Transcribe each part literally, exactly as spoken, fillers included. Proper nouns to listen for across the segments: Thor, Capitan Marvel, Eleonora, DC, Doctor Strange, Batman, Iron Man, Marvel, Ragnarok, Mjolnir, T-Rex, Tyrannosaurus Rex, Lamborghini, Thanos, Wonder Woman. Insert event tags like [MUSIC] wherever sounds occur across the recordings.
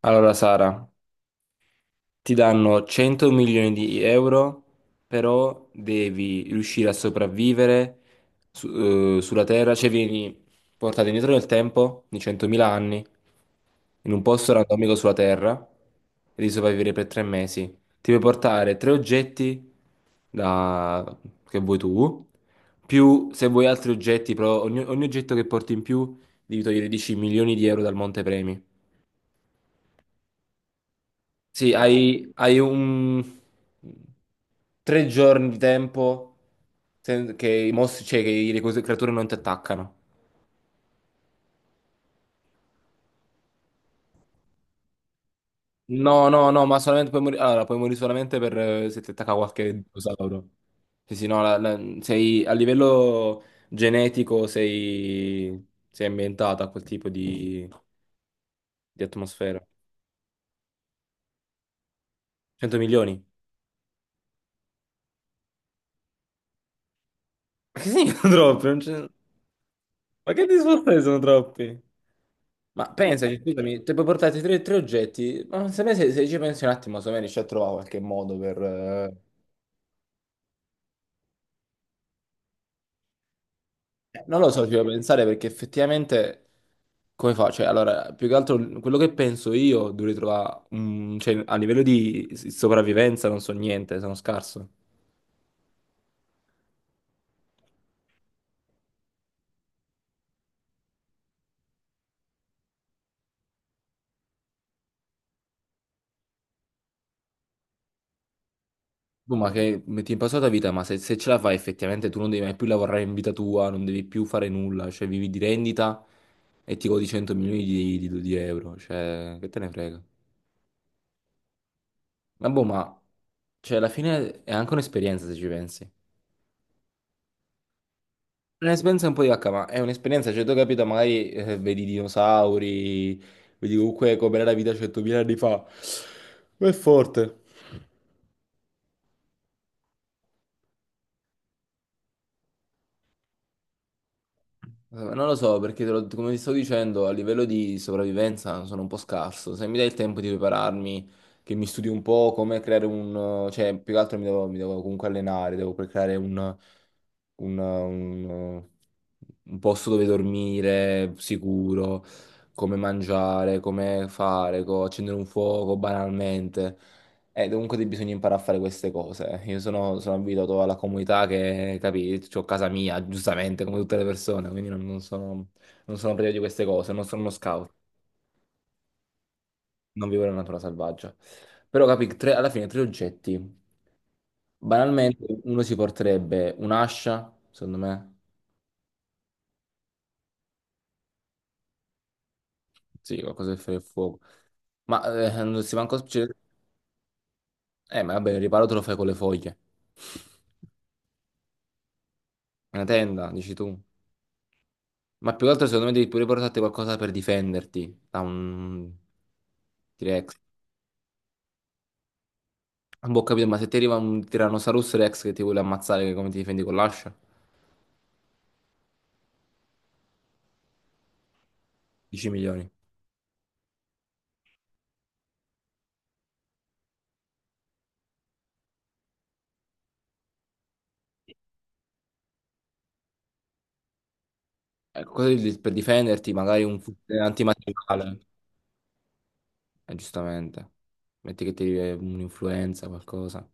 Allora, Sara, ti danno cento milioni di euro, però devi riuscire a sopravvivere su- eh, sulla Terra, cioè vieni portato indietro nel tempo di centomila anni, in un posto randomico sulla Terra, e devi sopravvivere per tre mesi. Ti puoi portare tre oggetti da- che vuoi tu, più se vuoi altri oggetti, però ogni, ogni oggetto che porti in più devi togliere dieci milioni di euro dal montepremi. Sì, hai, hai un tre giorni di tempo sen- che i mostri, cioè che i- le cose- creature non ti attaccano. No, no, no, ma solamente puoi morire. Allora, puoi morire solamente per eh, se ti attacca qualche dinosauro. Sì, sì, no, la- la- sei a livello genetico sei, sei ambientato a quel tipo di, di atmosfera. cento milioni? Ma che significa [LAUGHS] troppi? Non c'è- Ma che discorsi sono troppi? Ma pensaci, scusami, ti puoi portarti tre, tre oggetti, ma se, me- se, se ci pensi un attimo, secondo me riesci a trovare qualche modo per. eh, Non lo so, ci devo pensare perché effettivamente come fa? Cioè, allora, più che altro quello che penso io dovrei trovare. Un- cioè, a livello di s- sopravvivenza non so niente, sono scarso. Boh, ma che metti in pausa la tua vita, ma se, se ce la fai effettivamente tu non devi mai più lavorare in vita tua, non devi più fare nulla, cioè vivi di rendita e ti godi cento milioni di, di di euro, cioè che te ne frega. Ma boh, ma. Cioè, alla fine è anche un'esperienza se ci pensi. Un'esperienza un po' di vacca, ma è un'esperienza, cioè tu hai capito, magari eh, vedi i dinosauri, vedi comunque com'era la vita centomila anni fa. Ma è forte. Eh, Non lo so, perché te lo- come ti sto dicendo, a livello di sopravvivenza sono un po' scarso. Se mi dai il tempo di prepararmi, che mi studi un po' come creare un. Eh, cioè, più che altro mi devo, mi devo comunque allenare, devo pre- creare un, un- un- un posto dove dormire sicuro, come mangiare, come fare, co- accendere un fuoco banalmente. Eh, comunque bisogna imparare a fare queste cose. Io sono, sono abituato alla comunità che, capì, ho casa mia, giustamente, come tutte le persone, quindi non, non sono, non sono privo di queste cose, non sono uno scout, non vivo nella natura selvaggia. Però, capì, tre- alla fine tre oggetti. Banalmente, uno si porterebbe un'ascia, secondo me, sì, qualcosa per fare il fuoco. Ma eh, non si manco. Cioè. Eh, ma vabbè, il riparo te lo fai con le foglie. Una tenda, dici tu. Ma più che altro secondo me devi pure portarti qualcosa per difenderti da un T-Rex. Boh, ho capito, ma se ti arriva un Tyrannosaurus Rex che ti vuole ammazzare, come ti difendi con l'ascia? dieci milioni. Ecco, cosa di- per difenderti? Magari un fucile antimateriale. Eh, giustamente. Metti che ti arriva un'influenza, qualcosa.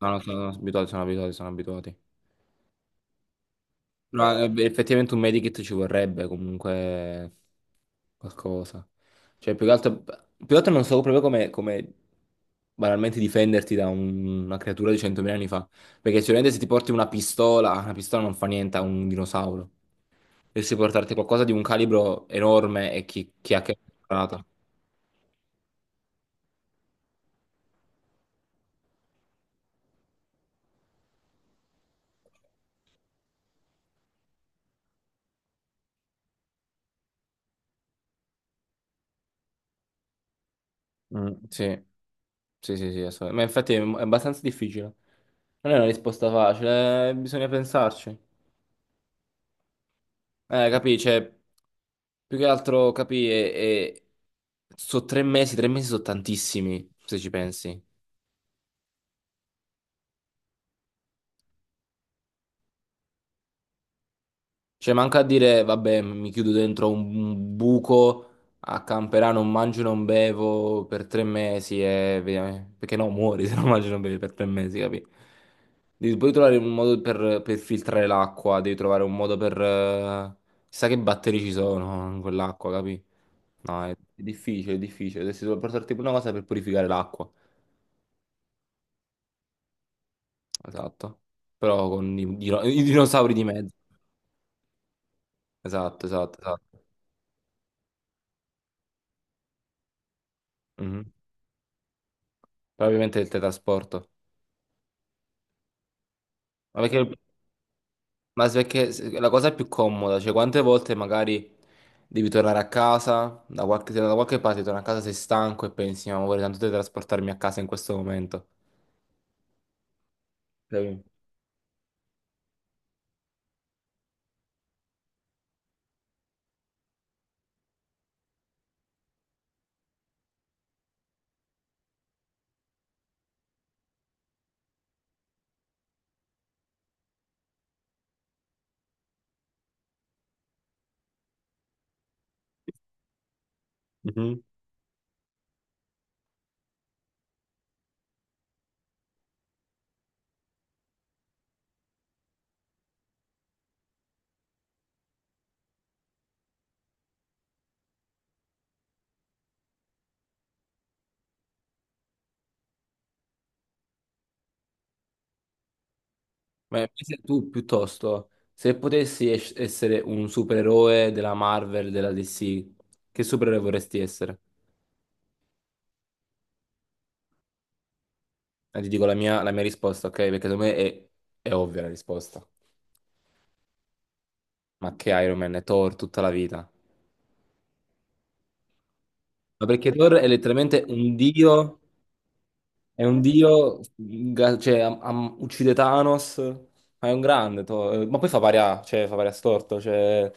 No, no, sono, sono abituati, sono abituati, sono abituati. No, eh, beh, effettivamente un medikit ci vorrebbe comunque qualcosa. Cioè, più che altro, più che altro non so proprio come, come banalmente difenderti da un- una creatura di centomila anni fa. Perché sicuramente se ti porti una pistola, una pistola non fa niente a un dinosauro. E se portarti qualcosa di un calibro enorme e chi, chi ha che. Preparata. Mm, sì, sì, sì, sì, assolutamente. Ma infatti è è abbastanza difficile. Non è una risposta facile, eh, bisogna pensarci. Eh, capisci? Più che altro capire, e. Sono tre mesi, tre mesi sono tantissimi, se ci pensi. Cioè, manca a dire, vabbè, mi chiudo dentro un buco a camperà, non mangio, non bevo per tre mesi e. via- eh. Perché no, muori [LAUGHS] se non mangi, non bevi per tre mesi, capi? Devi poi trovare un modo per, per filtrare l'acqua, devi trovare un modo per. eh, Chissà che batteri ci sono in quell'acqua, capi? È difficile, è difficile. Dovresti portarti pure una cosa per purificare l'acqua. Esatto. Però con i, dino- i dinosauri di mezzo. Esatto, esatto, esatto. Mhm. Però ovviamente il teletrasporto. Ma perché, ma se- perché se- la cosa è più comoda, cioè quante volte magari devi tornare a casa, da qualche, se da qualche parte torni a casa sei stanco e pensi, ma vorrei tanto teletrasportarmi a casa in questo momento. Capì? Mhm. Ma invece tu piuttosto, se potessi es- essere un supereroe della Marvel, della D C, che supereroe vorresti essere? Eh, Ti dico la mia, la mia risposta, ok? Perché secondo me è, è ovvia la risposta. Ma che Iron Man è Thor tutta la vita? Ma perché Thor è letteralmente un dio, è un dio, ga- cioè am- am- uccide Thanos, ma è un grande Thor. eh, Ma poi fa pari a, cioè fa pari a storto, cioè.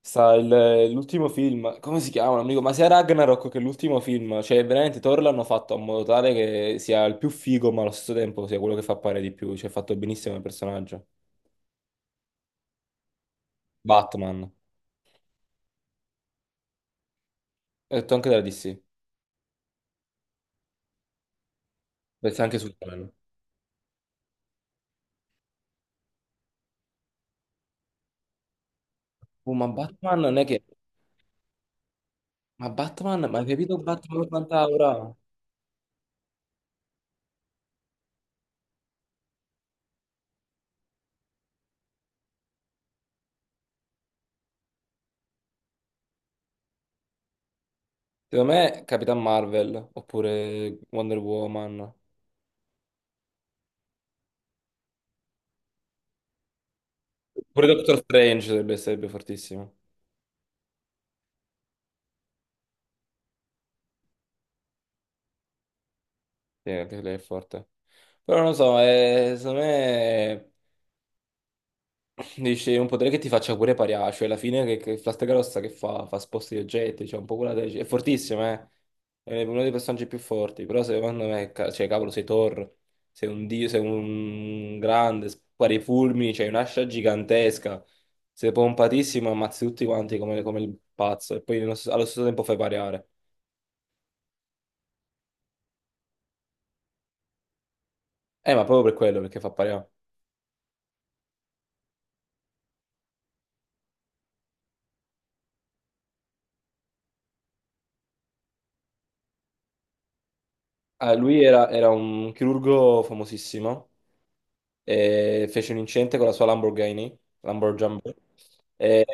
Sta il- l'ultimo film, come si chiama? amico? Ma sia Ragnarok che l'ultimo film, cioè veramente Thor l'hanno fatto in modo tale che sia il più figo, ma allo stesso tempo sia quello che fa pare di più, cioè è fatto benissimo il personaggio. Batman. Ho detto anche della D C, pensa anche su Batman. Uh, ma Batman non è che. Ma Batman, ma hai capito Batman ottanta ora? Secondo me Capitan Marvel, oppure Wonder Woman, pure Doctor Strange sarebbe, sarebbe fortissimo. Sì, anche lei è forte. Però non lo so, eh, secondo me. Dici, un potere che ti faccia pure parià, cioè alla fine che, che Flastecarossa che fa? Fa sposti di oggetti, cioè un po' quella tesi. È fortissimo, eh? È uno dei personaggi più forti, però secondo me, ca- cioè cavolo, sei Thor, sei un dio, sei un grande, spari i fulmini, c'hai un'ascia gigantesca, sei pompatissimo, ammazzi tutti quanti come, come il pazzo e poi nello stesso- allo stesso tempo fai pariare. Eh, ma proprio per quello, perché fa pariare. Ah, lui era, era un chirurgo famosissimo e fece un incidente con la sua Lamborghini, Lamborghini, e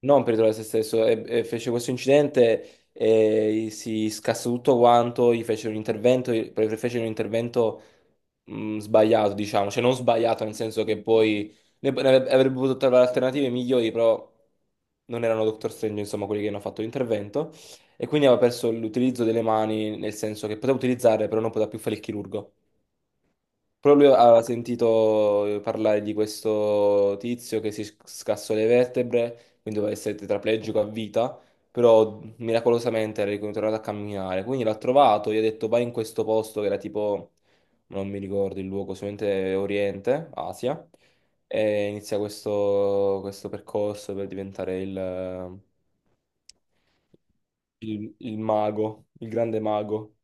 non per ritrovare se stesso, e, e fece questo incidente e si scassò tutto quanto, gli fece un intervento, poi fece un intervento mh, sbagliato, diciamo, cioè non sbagliato nel senso che poi ne- ne avrebbe avrebbe potuto trovare alternative migliori, però non erano Doctor Strange, insomma, quelli che hanno fatto l'intervento, e quindi aveva perso l'utilizzo delle mani, nel senso che poteva utilizzarle, però non poteva più fare il chirurgo. Proprio lui aveva sentito parlare di questo tizio che si sc- scassò le vertebre, quindi doveva essere tetraplegico a vita, però miracolosamente era ritornato a camminare. Quindi l'ha trovato, gli ha detto vai in questo posto che era tipo, non mi ricordo il luogo, sicuramente Oriente, Asia, e inizia questo, questo percorso per diventare il il- il mago, il grande mago.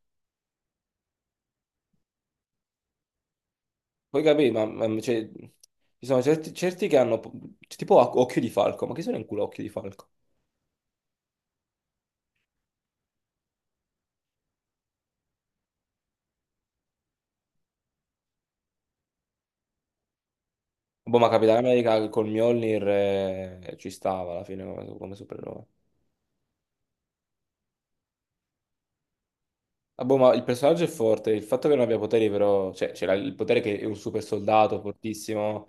Poi capì, ma, ma- cioè, ci sono certi, certi che hanno po- tipo oc- occhio di falco, ma chi sono in culo occhio di falco? Boh, ma Capitano America col Mjolnir eh, ci stava alla fine come, come supereroe. Ah, boh, ma il personaggio è forte, il fatto che non abbia poteri però, cioè c'era il potere che è un super soldato fortissimo,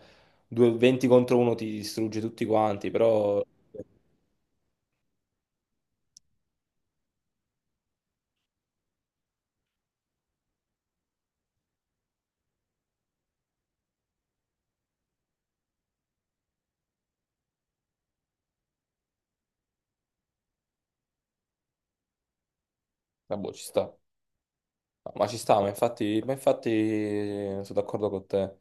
due- venti contro uno ti distrugge tutti quanti, però. Ah, boh, ci sta. Ma ci sta, ma infatti, ma infatti sono d'accordo con te.